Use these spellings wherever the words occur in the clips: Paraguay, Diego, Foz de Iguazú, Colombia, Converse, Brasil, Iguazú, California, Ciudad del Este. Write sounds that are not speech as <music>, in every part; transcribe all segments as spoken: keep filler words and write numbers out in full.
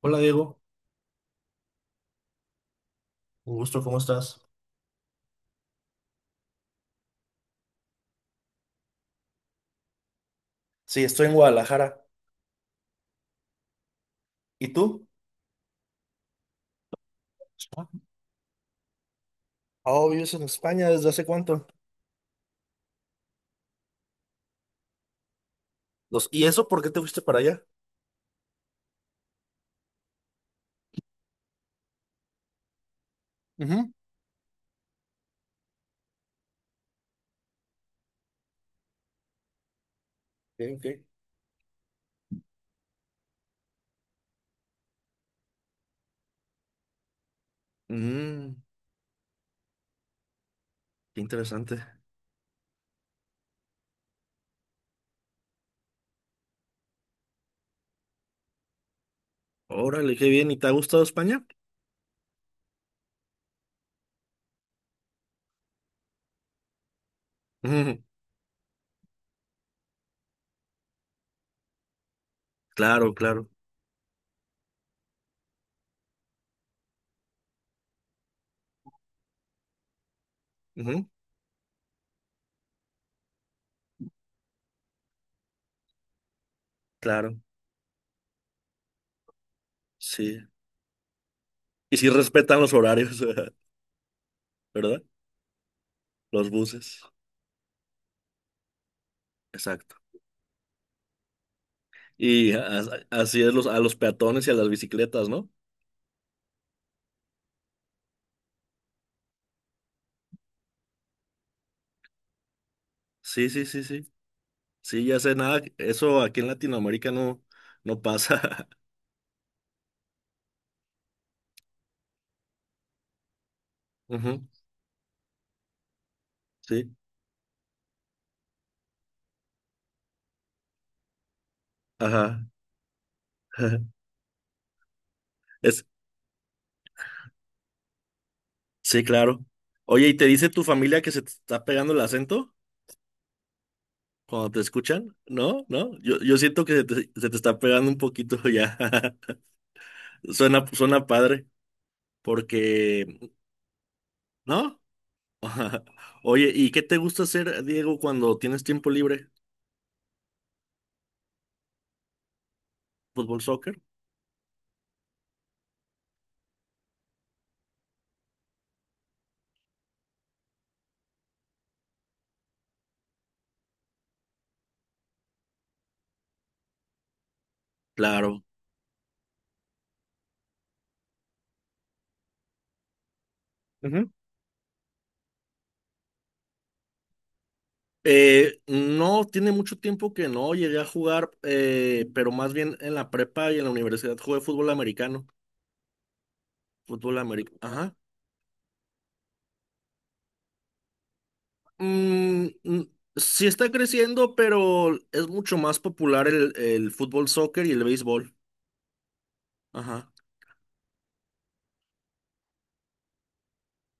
Hola Diego, un gusto, ¿cómo estás? Sí, estoy en Guadalajara. ¿Y tú? Ah, oh, vives en España desde hace cuánto. Los- ¿y eso por qué te fuiste para allá? Ujú. Ok, ok. Mm, qué interesante. Órale, qué bien. ¿Y te ha gustado España? Ujú, <laughs> claro, claro. Ujú, claro, sí. Y sí respetan los horarios, <laughs> ¿verdad? Los buses. Exacto. Y a- a- Así es los, a los peatones y a las bicicletas, ¿no? Sí, sí, sí, sí. Sí, ya sé nada, eso aquí en Latinoamérica no, no pasa. <laughs> Ujú, sí, ajá. <laughs> Es, sí, claro. Oye, ¿y te dice tu familia que se te está pegando el acento cuando te escuchan? No, no, yo, yo siento que se te, se te está pegando un poquito <laughs> ya. Suena, suena padre, porque, ¿no? <laughs> Oye, ¿y qué te gusta hacer, Diego, cuando tienes tiempo libre? ¿Fútbol, soccer? Claro. Eh, no, tiene mucho tiempo que no llegué a jugar, eh, pero más bien en la prepa y en la universidad jugué fútbol americano. Fútbol americano. Ajá. Mm, mm, sí está creciendo, pero es mucho más popular el, el fútbol soccer y el béisbol. Ajá.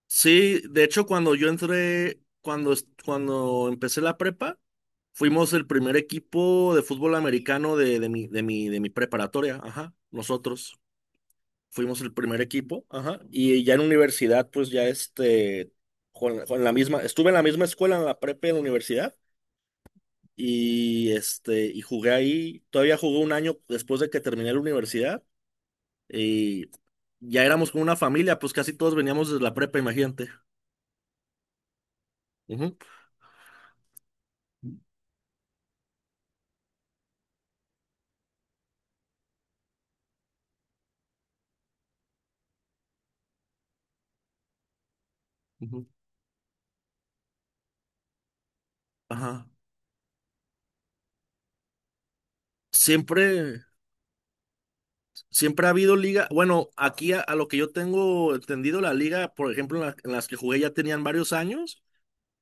Sí, de hecho, cuando yo entré, cuando, es- cuando empecé la prepa, fuimos el primer equipo de fútbol americano de, de mi, de mi, de mi preparatoria. Ajá. Nosotros fuimos el primer equipo, ajá, y ya en universidad, pues ya este, con, con la misma, estuve en la misma escuela, en la prepa y en la universidad, y este, y jugué ahí, todavía jugué un año después de que terminé la universidad, y ya éramos como una familia, pues casi todos veníamos desde la prepa, imagínate. Ujú, ujú, ajá. Siempre, siempre ha habido liga, bueno, aquí a, a lo que yo tengo entendido, la liga, por ejemplo, en, la- en las que jugué ya tenían varios años,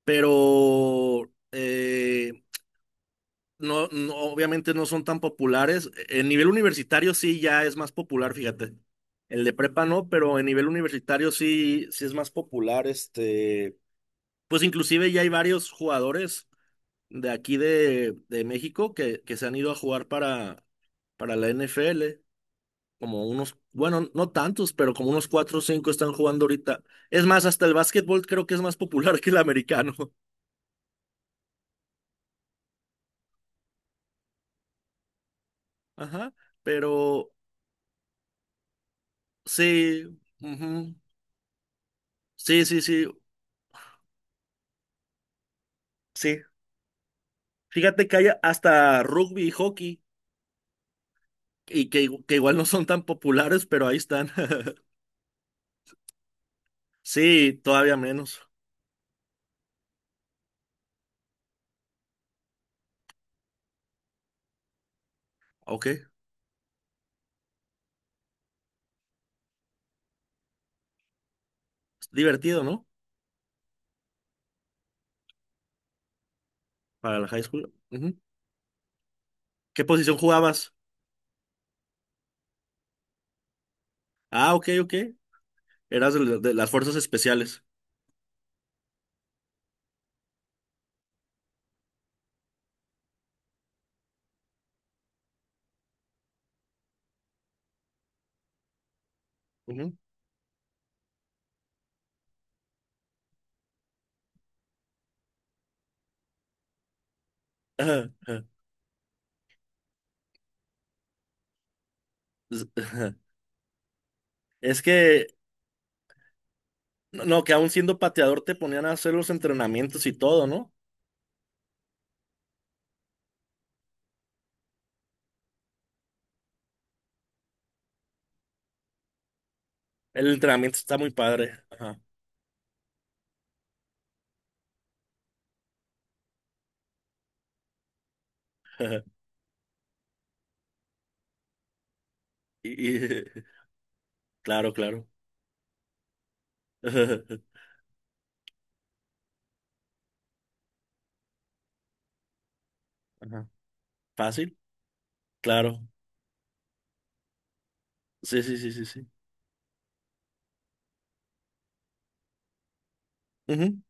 pero... eh, no, no, obviamente no son tan populares. E, En nivel universitario sí ya es más popular, fíjate. El de prepa no, pero en nivel universitario sí, sí es más popular. Este, pues inclusive ya hay varios jugadores de aquí de, de México que, que se han ido a jugar para, para la N F L. Como unos, bueno, no tantos, pero como unos cuatro o cinco están jugando ahorita. Es más, hasta el básquetbol creo que es más popular que el americano. <laughs> Ajá. Pero sí. Ujú. Sí, sí, sí. Sí, fíjate que hay hasta rugby y hockey, y que, igu- que igual no son tan populares, pero ahí están. <laughs> Sí, todavía menos. Ok, divertido, ¿no? Para la high school. Ujú. ¿Qué posición jugabas? Ah, ok, ok. Eras de, de las fuerzas especiales. Ujú. Ajá, ajá. Es ajá. Es que, no, no, que aún siendo pateador te ponían a hacer los entrenamientos y todo, ¿no? El entrenamiento está muy padre. Ajá. Ajá. Y, y- <laughs> claro, claro. Ajá. Fácil, claro. Sí, sí, sí, sí, sí. Ujú.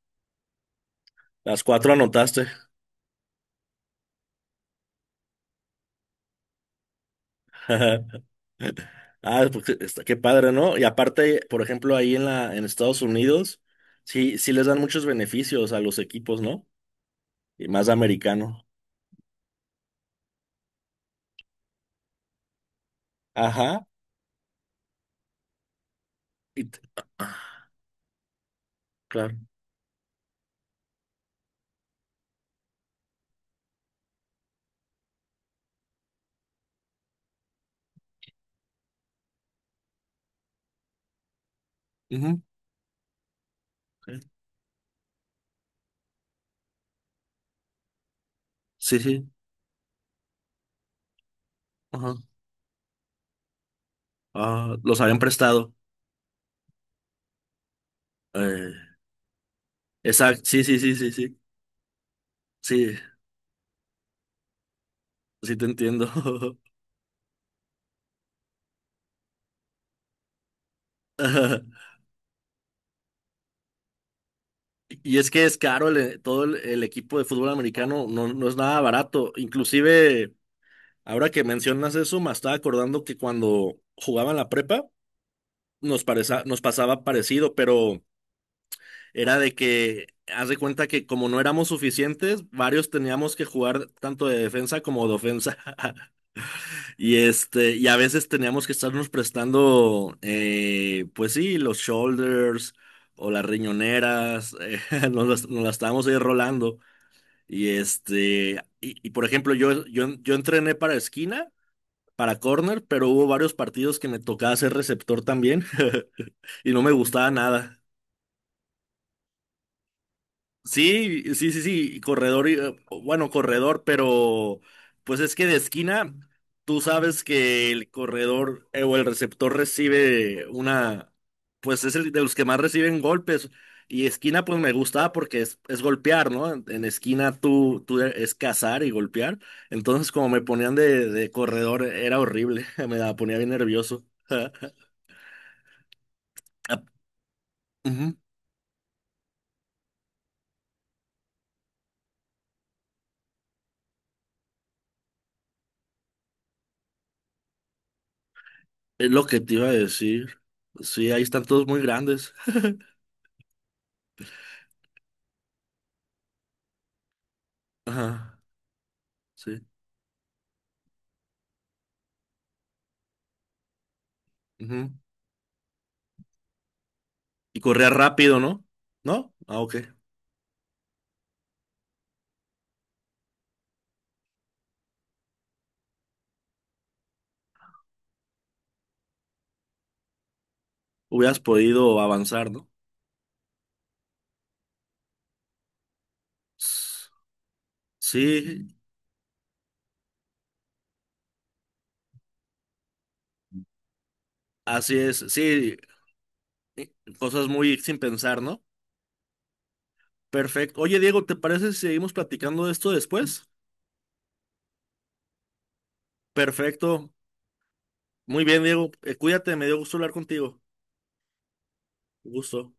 Las cuatro anotaste. <laughs> Ah, porque está, qué padre, ¿no? Y aparte, por ejemplo, ahí en la, en Estados Unidos, sí, sí les dan muchos beneficios a los equipos, ¿no? Y más americano. Ajá. Y t- ah, claro. Ujú. Sí, sí. Ajá. Ah, los habían prestado. Eh, exacto. Sí, sí, sí, sí, sí. Sí, sí te entiendo. <laughs> Y es que es caro el- todo el, el equipo de fútbol americano, no, no es nada barato. Inclusive, ahora que mencionas eso, me estaba acordando que cuando jugaban la prepa, nos pareza- nos pasaba parecido, pero era de que, haz de cuenta que como no éramos suficientes, varios teníamos que jugar tanto de defensa como de ofensa. <laughs> Y este, y a veces teníamos que estarnos prestando, eh, pues sí, los shoulders o las riñoneras, <laughs> eh, nos las, nos las estábamos ahí rolando. Y este, y, y, por ejemplo, yo, yo, yo entrené para esquina, para corner, pero hubo varios partidos que me tocaba ser receptor también <laughs> y no me gustaba nada. Sí, sí, sí, sí, corredor, y, eh, bueno, corredor, pero pues es que de esquina, tú sabes que el corredor eh, o el receptor recibe una, pues es el de los que más reciben golpes. Y esquina, pues me gusta porque es, es golpear, ¿no? En, en esquina tú, tú e, es cazar y golpear. Entonces, como me ponían de, de corredor, e, era horrible, <laughs> me la ponía bien nervioso. <laughs> Ah, ujú, es lo que te iba a decir. Sí, ahí están todos muy grandes. Ajá. Sí. Ujú. Y corría rápido, ¿no? ¿No? Ah, ok. Hubieras podido avanzar, ¿no? Sí, así es. Sí, eh, cosas muy sin pensar, ¿no? Perfecto. Oye, Diego, ¿te parece si seguimos platicando de esto después? Perfecto. Muy bien, Diego. Eh, Cuídate, me dio gusto hablar contigo. Gusto.